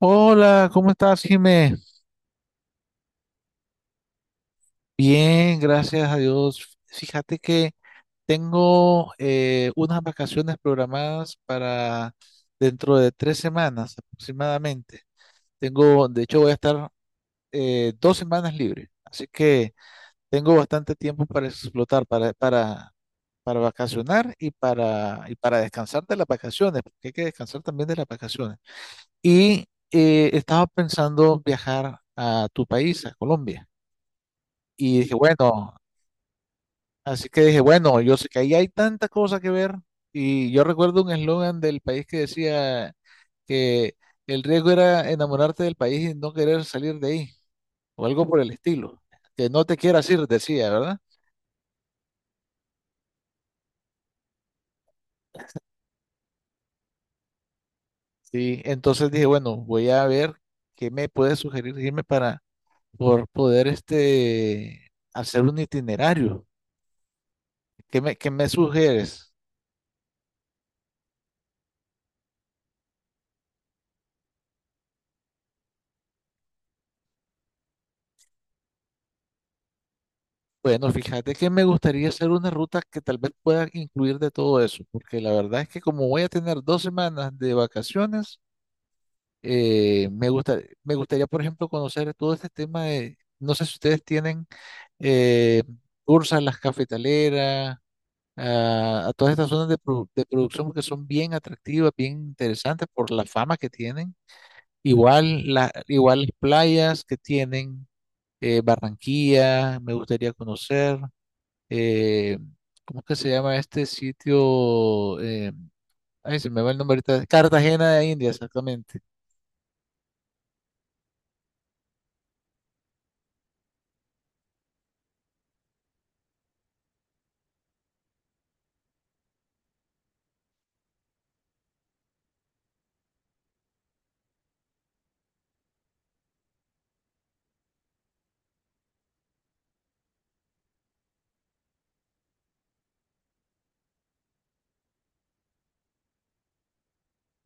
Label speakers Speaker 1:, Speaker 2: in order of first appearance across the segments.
Speaker 1: Hola, ¿cómo estás, Jimé? Bien, gracias a Dios. Fíjate que tengo unas vacaciones programadas para dentro de 3 semanas aproximadamente. Tengo, de hecho, voy a estar 2 semanas libre, así que tengo bastante tiempo para explotar, para vacacionar y para descansar de las vacaciones, porque hay que descansar también de las vacaciones. Y estaba pensando viajar a tu país, a Colombia. Y dije, bueno, así que dije, bueno, yo sé que ahí hay tanta cosa que ver. Y yo recuerdo un eslogan del país que decía que el riesgo era enamorarte del país y no querer salir de ahí, o algo por el estilo. Que no te quieras ir, decía, ¿verdad? Sí, entonces dije, bueno, voy a ver qué me puede sugerir irme para por poder este hacer un itinerario. ¿Qué me sugieres? Bueno, fíjate que me gustaría hacer una ruta que tal vez pueda incluir de todo eso, porque la verdad es que como voy a tener 2 semanas de vacaciones, me gusta, me gustaría, por ejemplo, conocer todo este tema de, no sé si ustedes tienen eh, tours a las cafetaleras, a todas estas zonas de, de producción, que son bien atractivas, bien interesantes por la fama que tienen. Igual, igual las playas que tienen, Barranquilla, me gustaría conocer eh, ¿cómo es que se llama este sitio? Ay, se me va el nombre ahorita. Cartagena de India, exactamente.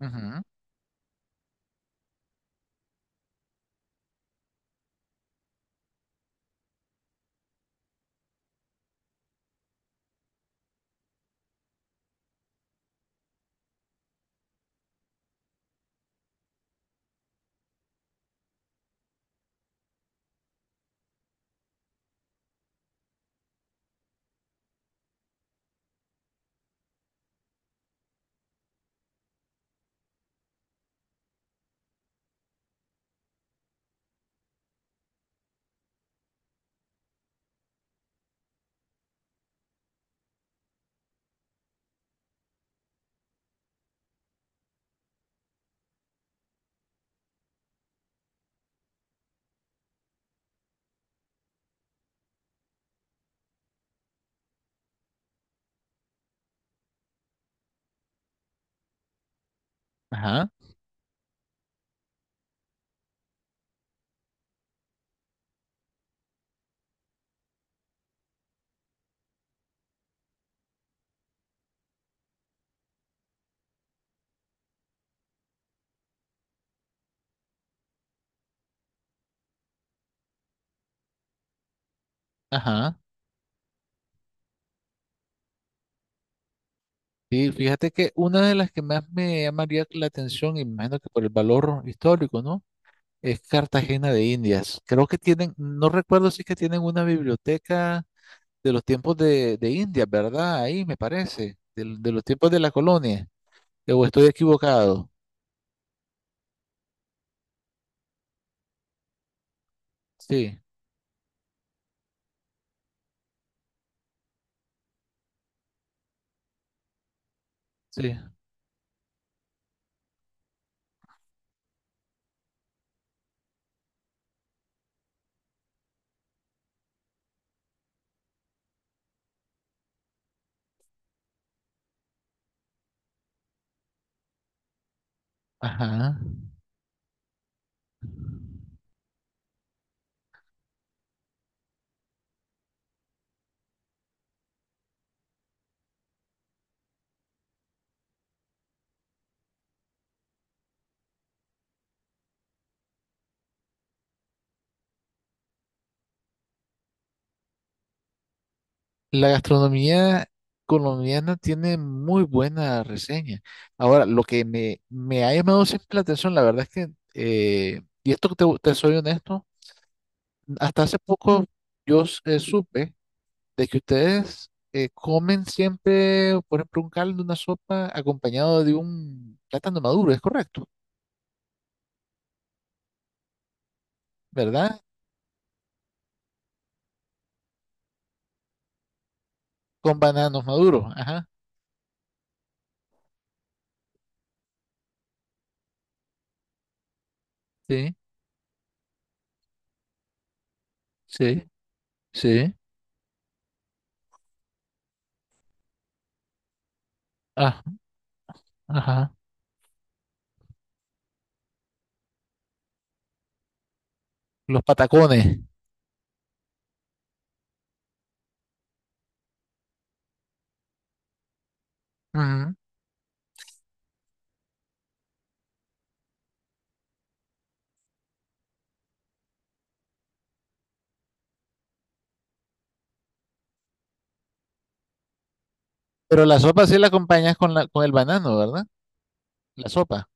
Speaker 1: Ujú, ajá, ajá. Sí, fíjate que una de las que más me llamaría la atención, y me imagino que por el valor histórico, ¿no? Es Cartagena de Indias. Creo que tienen, no recuerdo si es que tienen una biblioteca de los tiempos de India, ¿verdad? Ahí me parece, los tiempos de la colonia. ¿O estoy equivocado? Sí, sí. Ajá. La gastronomía colombiana tiene muy buena reseña. Ahora, lo que me ha llamado siempre la atención, la verdad es que, y esto te soy honesto, hasta hace poco yo supe de que ustedes comen siempre, por ejemplo, un caldo, una sopa acompañado de un plátano maduro, es correcto, ¿verdad? Con bananos maduros, ajá. Sí, sí, sí. Ah, ajá. Los patacones. Ujú. Pero la sopa sí la acompañas con, con el banano, ¿verdad? La sopa.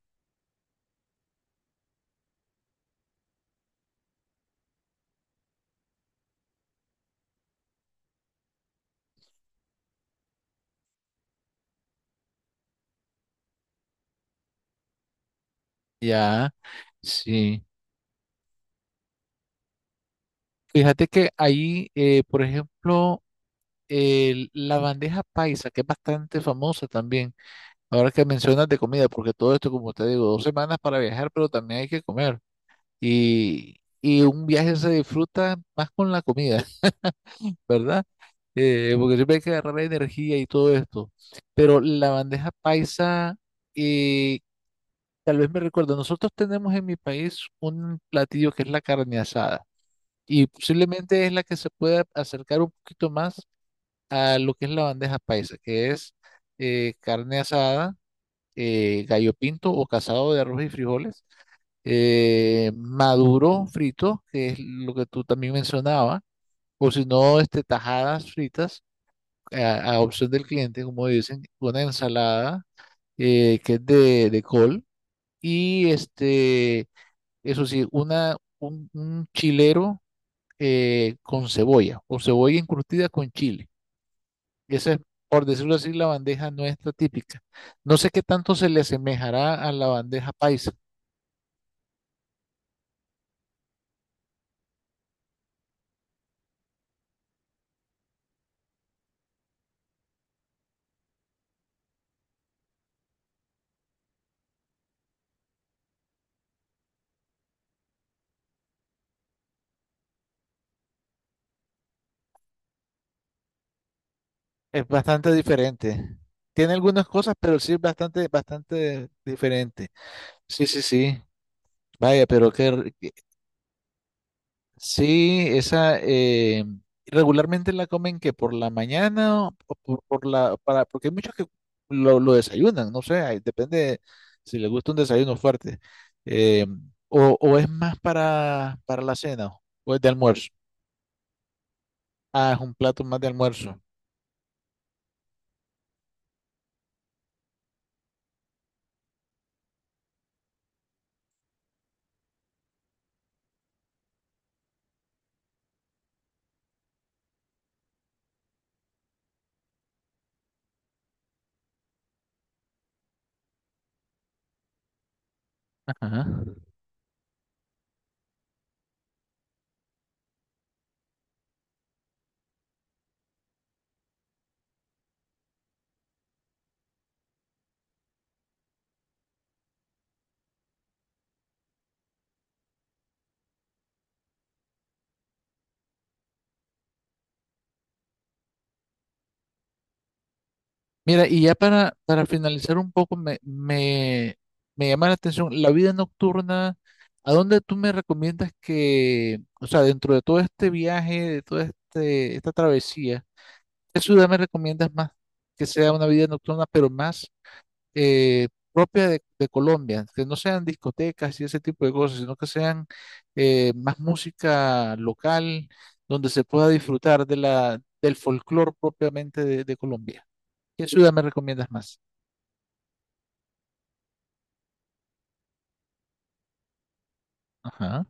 Speaker 1: Ya, sí. Fíjate que ahí, por ejemplo, la bandeja paisa, que es bastante famosa también, ahora que mencionas de comida, porque todo esto, como te digo, 2 semanas para viajar, pero también hay que comer. Y, y un viaje se disfruta más con la comida, ¿verdad? Porque siempre hay que agarrar energía y todo esto. Pero la bandeja paisa, eh, tal vez me recuerdo, nosotros tenemos en mi país un platillo que es la carne asada y posiblemente es la que se puede acercar un poquito más a lo que es la bandeja paisa, que es carne asada, gallo pinto o casado de arroz y frijoles, maduro frito, que es lo que tú también mencionabas, o si no, este, tajadas fritas a opción del cliente, como dicen, una ensalada que es de col y eso sí, un chilero con cebolla o cebolla encurtida con chile. Esa es, por decirlo así, la bandeja nuestra típica. No sé qué tanto se le asemejará a la bandeja paisa. Es bastante diferente. Tiene algunas cosas, pero sí es bastante, bastante diferente. Sí, sí, sí. Vaya, pero qué, rico. Sí, esa regularmente la comen que por la mañana o por, la para porque hay muchos que lo desayunan, no sé, ahí depende si les gusta un desayuno fuerte eh, o, es más para la cena o es de almuerzo. Ah, es un plato más de almuerzo. Ajá. Mira, y ya para finalizar un poco, me llama la atención la vida nocturna. ¿A dónde tú me recomiendas que, o sea, dentro de todo este viaje, de esta travesía, qué ciudad me recomiendas más que sea una vida nocturna, pero más propia de Colombia? Que no sean discotecas y ese tipo de cosas, sino que sean más música local, donde se pueda disfrutar de del folclore propiamente de Colombia. ¿Qué ciudad me recomiendas más? Ajá.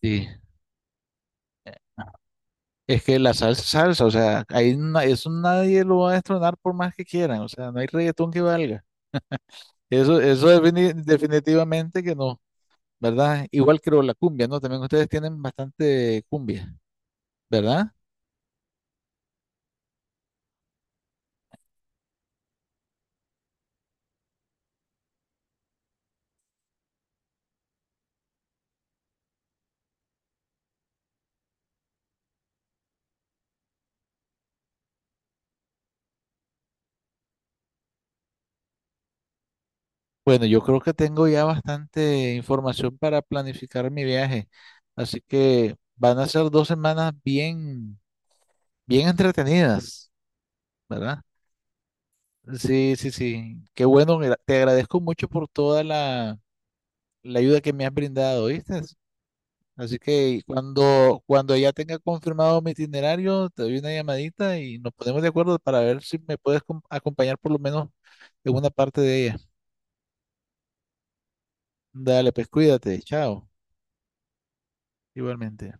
Speaker 1: Sí. Es que la salsa es salsa, o sea, ahí eso nadie lo va a destronar por más que quieran, o sea, no hay reggaetón que valga. Eso definitivamente que no, ¿verdad? Igual creo la cumbia, ¿no? También ustedes tienen bastante cumbia, ¿verdad? Bueno, yo creo que tengo ya bastante información para planificar mi viaje, así que van a ser 2 semanas bien, bien entretenidas, ¿verdad? Sí, sí, sí. Qué bueno, te agradezco mucho por toda la ayuda que me has brindado, ¿viste? Así que cuando ya tenga confirmado mi itinerario, te doy una llamadita y nos ponemos de acuerdo para ver si me puedes acompañar por lo menos en una parte de ella. Dale, pues cuídate, chao, igualmente.